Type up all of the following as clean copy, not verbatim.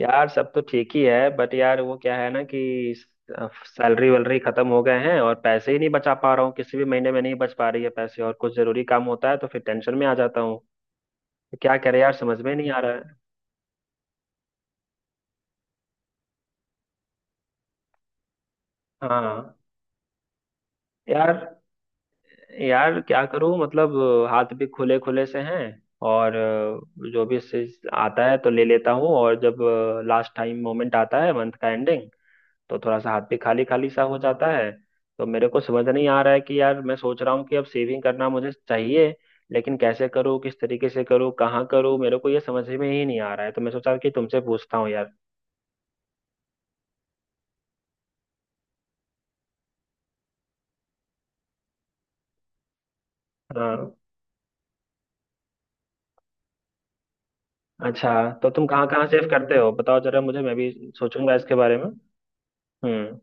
यार सब तो ठीक ही है। बट यार वो क्या है ना कि सैलरी वैलरी खत्म हो गए हैं और पैसे ही नहीं बचा पा रहा हूँ। किसी भी महीने में नहीं बच पा रही है पैसे और कुछ जरूरी काम होता है तो फिर टेंशन में आ जाता हूँ। तो क्या करे यार, समझ में नहीं आ रहा है। हाँ। यार यार क्या करूँ मतलब, हाथ भी खुले खुले से हैं और जो भी चीज आता है तो ले लेता हूँ। और जब लास्ट टाइम मोमेंट आता है मंथ का एंडिंग, तो थोड़ा सा हाथ भी खाली खाली सा हो जाता है। तो मेरे को समझ नहीं आ रहा है कि यार, मैं सोच रहा हूँ कि अब सेविंग करना मुझे चाहिए, लेकिन कैसे करूँ, किस तरीके से करूँ, कहाँ करूँ, मेरे को ये समझ में ही नहीं आ रहा है। तो मैं सोचा कि तुमसे पूछता हूँ यार। हाँ। अच्छा, तो तुम कहाँ कहाँ सेव करते हो बताओ जरा, मुझे मैं भी सोचूंगा इसके बारे में। हम्म।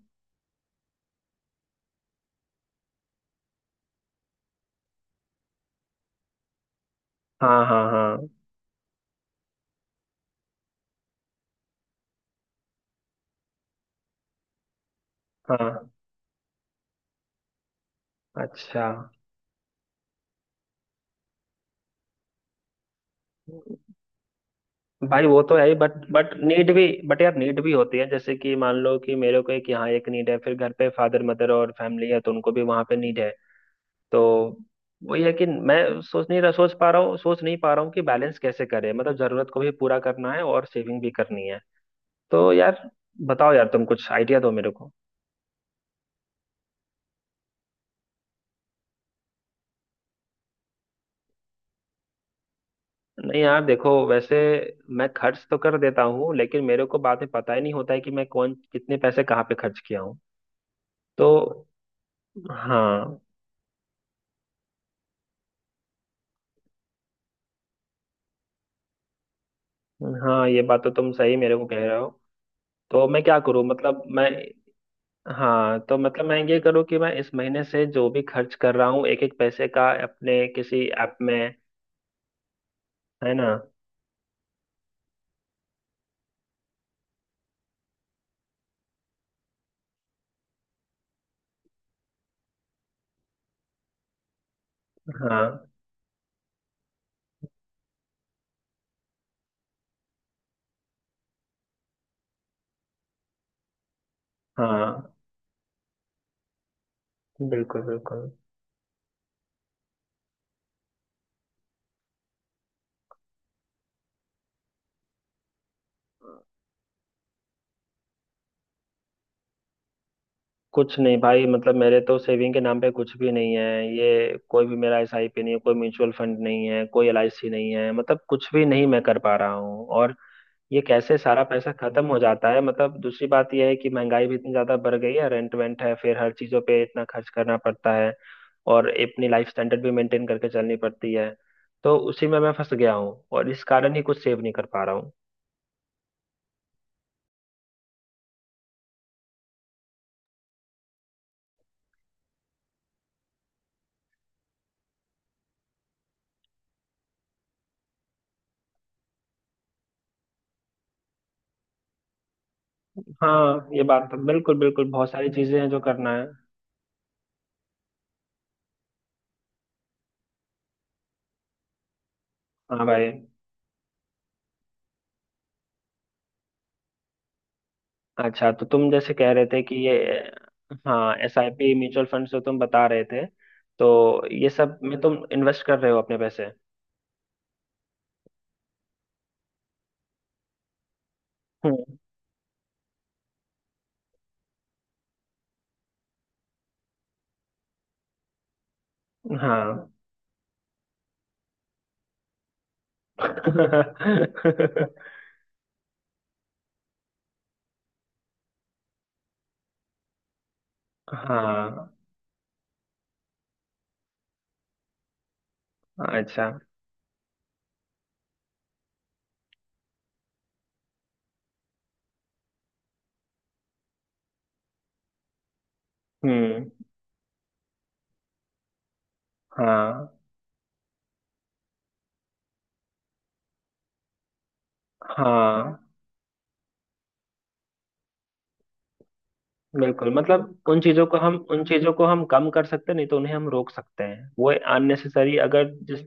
हाँ हाँ हाँ हाँ। अच्छा। भाई वो तो है ही, बट नीड भी, बट यार नीड भी होती है, जैसे कि मान लो कि मेरे को एक यहाँ एक नीड है, फिर घर पे फादर मदर और फैमिली है तो उनको भी वहां पे नीड है। तो वही है कि मैं सोच नहीं पा रहा हूँ कि बैलेंस कैसे करें, मतलब जरूरत को भी पूरा करना है और सेविंग भी करनी है। तो यार बताओ यार, तुम कुछ आइडिया दो मेरे को। नहीं यार देखो वैसे, मैं खर्च तो कर देता हूँ लेकिन मेरे को बाद में पता ही नहीं होता है कि मैं कौन कितने पैसे कहाँ पे खर्च किया हूँ। तो हाँ। हाँ ये बात तो तुम सही मेरे को कह रहे हो। तो मैं क्या करूँ मतलब, मैं, हाँ तो मतलब मैं ये करूँ कि मैं इस महीने से जो भी खर्च कर रहा हूँ एक एक पैसे का अपने किसी ऐप में, है ना। हाँ हाँ। बिल्कुल बिल्कुल। कुछ नहीं भाई, मतलब मेरे तो सेविंग के नाम पे कुछ भी नहीं है। ये कोई भी मेरा एसआईपी नहीं है, कोई म्यूचुअल फंड नहीं है, कोई एलआईसी नहीं है, मतलब कुछ भी नहीं मैं कर पा रहा हूँ। और ये कैसे सारा पैसा खत्म हो जाता है, मतलब दूसरी बात यह है कि महंगाई भी इतनी ज्यादा बढ़ गई है, रेंट वेंट है, फिर हर चीजों पे इतना खर्च करना पड़ता है और अपनी लाइफ स्टैंडर्ड भी मेंटेन करके चलनी पड़ती है। तो उसी में मैं फंस गया हूँ और इस कारण ही कुछ सेव नहीं कर पा रहा हूँ। हाँ ये बात तो बिल्कुल बिल्कुल, बहुत सारी चीजें हैं जो करना है। हाँ भाई। अच्छा तो तुम जैसे कह रहे थे कि ये, हाँ S I P, mutual fund जो तुम बता रहे थे, तो ये सब में तुम इन्वेस्ट कर रहे हो अपने पैसे। हम्म। हाँ हाँ। अच्छा। हम्म। हाँ हाँ। बिल्कुल, मतलब उन चीजों को हम उन चीजों को हम कम कर सकते हैं, नहीं तो उन्हें हम रोक सकते हैं, वो अननेसेसरी अगर जिस,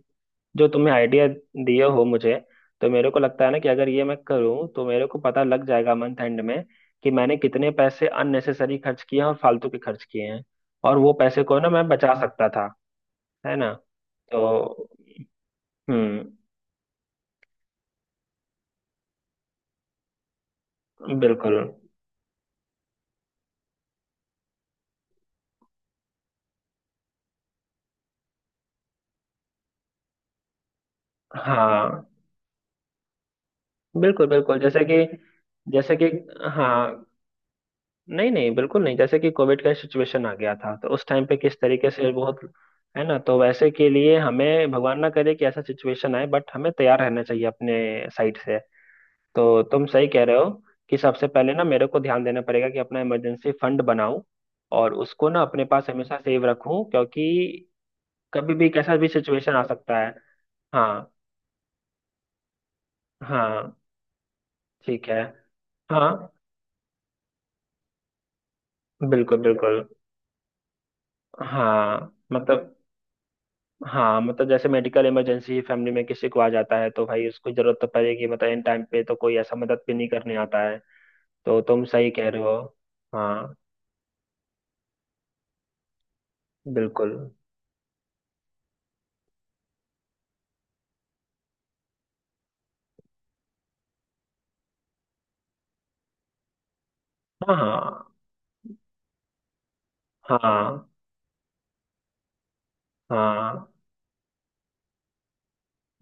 जो तुमने आइडिया दिए हो मुझे। तो मेरे को लगता है ना कि अगर ये मैं करूँ तो मेरे को पता लग जाएगा मंथ एंड में कि मैंने कितने पैसे अननेसेसरी खर्च किए हैं और फालतू के खर्च किए हैं, और वो पैसे को ना मैं बचा सकता था, है ना। तो हम्म। बिल्कुल। हाँ बिल्कुल बिल्कुल जैसे कि, जैसे कि, हाँ नहीं नहीं बिल्कुल नहीं, जैसे कि कोविड का सिचुएशन आ गया था तो उस टाइम पे किस तरीके से, बहुत, है ना। तो वैसे के लिए हमें, भगवान ना करे कि ऐसा सिचुएशन आए, बट हमें तैयार रहना चाहिए अपने साइड से। तो तुम सही कह रहे हो कि सबसे पहले ना मेरे को ध्यान देना पड़ेगा कि अपना इमरजेंसी फंड बनाऊं और उसको ना अपने पास हमेशा सेव रखूं क्योंकि कभी भी कैसा भी सिचुएशन आ सकता है। हाँ हाँ। ठीक है। हाँ। बिल्कुल बिल्कुल। हाँ मतलब, हाँ मतलब जैसे मेडिकल इमरजेंसी फैमिली में किसी को आ जाता है तो भाई उसको जरूरत तो पड़ेगी, मतलब इन टाइम पे तो कोई ऐसा मदद भी नहीं करने आता है। तो तुम सही कह रहे हो। हाँ। बिल्कुल। हाँ हाँ। हाँ हाँ।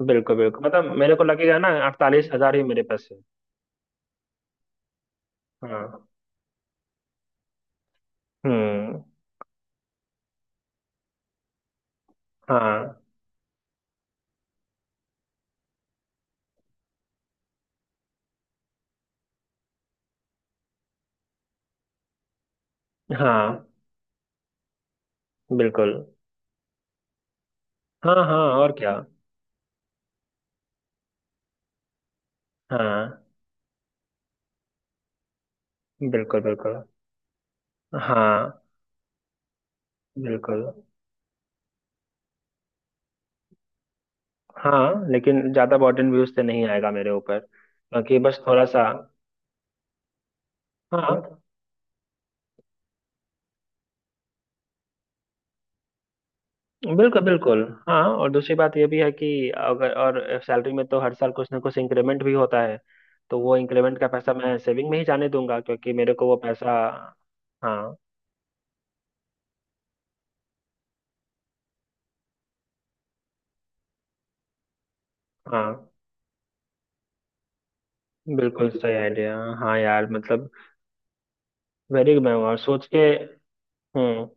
बिल्कुल बिल्कुल, मतलब मेरे को लगेगा ना 48,000 ही मेरे पास है। हाँ। हम्म। हाँ। हाँ। बिल्कुल। हाँ हाँ और क्या। हाँ। बिल्कुल बिल्कुल। हाँ। बिल्कुल। हाँ लेकिन ज्यादा बर्डन व्यूज से नहीं आएगा मेरे ऊपर, क्योंकि बस थोड़ा सा। हाँ। बिल्कुल बिल्कुल। हाँ और दूसरी बात ये भी है कि अगर और सैलरी में तो हर साल कुछ ना कुछ इंक्रीमेंट भी होता है, तो वो इंक्रीमेंट का पैसा मैं सेविंग में ही जाने दूंगा, क्योंकि मेरे को वो पैसा, हाँ। हाँ। बिल्कुल सही आइडिया। हाँ यार मतलब, वेरी, मैं और सोच के, हम्म।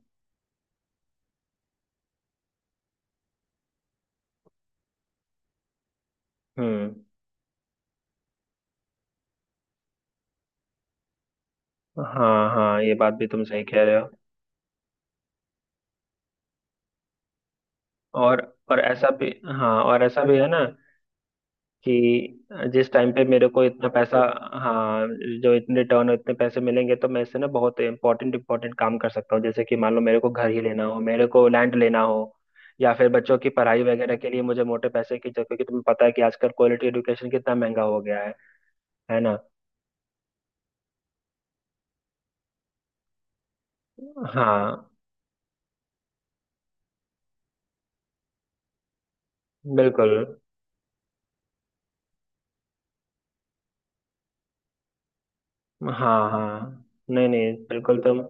हम्म। हाँ हाँ ये बात भी तुम सही कह रहे हो। और और ऐसा भी, हाँ और ऐसा भी है ना कि, जिस टाइम पे मेरे को इतना पैसा, हाँ, जो इतने रिटर्न और इतने पैसे मिलेंगे तो मैं इससे ना बहुत इंपॉर्टेंट इंपॉर्टेंट काम कर सकता हूँ, जैसे कि मान लो मेरे को घर ही लेना हो, मेरे को लैंड लेना हो, या फिर बच्चों की पढ़ाई वगैरह के लिए मुझे मोटे पैसे की जरूरत, क्योंकि तुम्हें पता है कि आजकल क्वालिटी एडुकेशन कितना महंगा हो गया है। है ना। हाँ। बिल्कुल। हाँ हाँ। नहीं नहीं बिल्कुल तुम,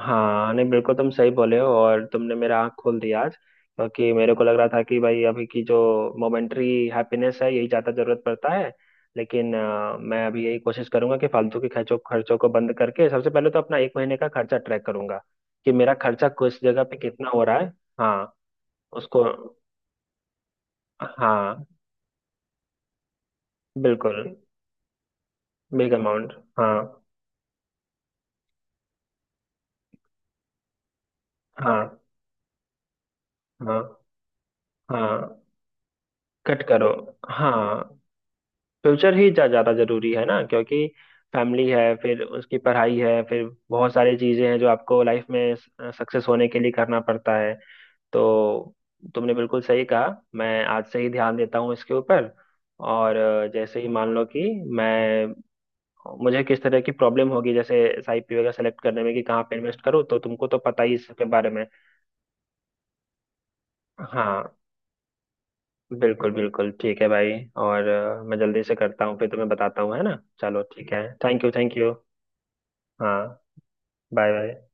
हाँ नहीं बिल्कुल तुम सही बोले हो और तुमने मेरा आँख खोल दिया आज, क्योंकि मेरे को लग रहा था कि भाई अभी की जो मोमेंट्री हैप्पीनेस है यही ज़्यादा जरूरत पड़ता है। लेकिन मैं अभी यही कोशिश करूंगा कि फालतू के खर्चों खर्चों को बंद करके सबसे पहले तो अपना एक महीने का खर्चा ट्रैक करूंगा कि मेरा खर्चा किस जगह पे कितना हो रहा है। हाँ। उसको, हाँ। बिल्कुल। Big amount. हाँ। हाँ। हाँ। हाँ कट करो। हाँ। फ्यूचर ही जा ज्यादा जरूरी है ना, क्योंकि फैमिली है, फिर उसकी पढ़ाई है, फिर बहुत सारी चीजें हैं जो आपको लाइफ में सक्सेस होने के लिए करना पड़ता है। तो तुमने बिल्कुल सही कहा, मैं आज से ही ध्यान देता हूँ इसके ऊपर। और जैसे ही मान लो कि मैं, मुझे किस तरह की प्रॉब्लम होगी जैसे एसआईपी वगैरह सेलेक्ट करने में कि कहाँ पे इन्वेस्ट करूँ, तो तुमको तो पता ही इसके बारे में। हाँ। बिल्कुल बिल्कुल ठीक है भाई। और मैं जल्दी से करता हूँ फिर तुम्हें बताता हूँ, है ना। चलो ठीक है, थैंक यू थैंक यू। हाँ। Bye bye.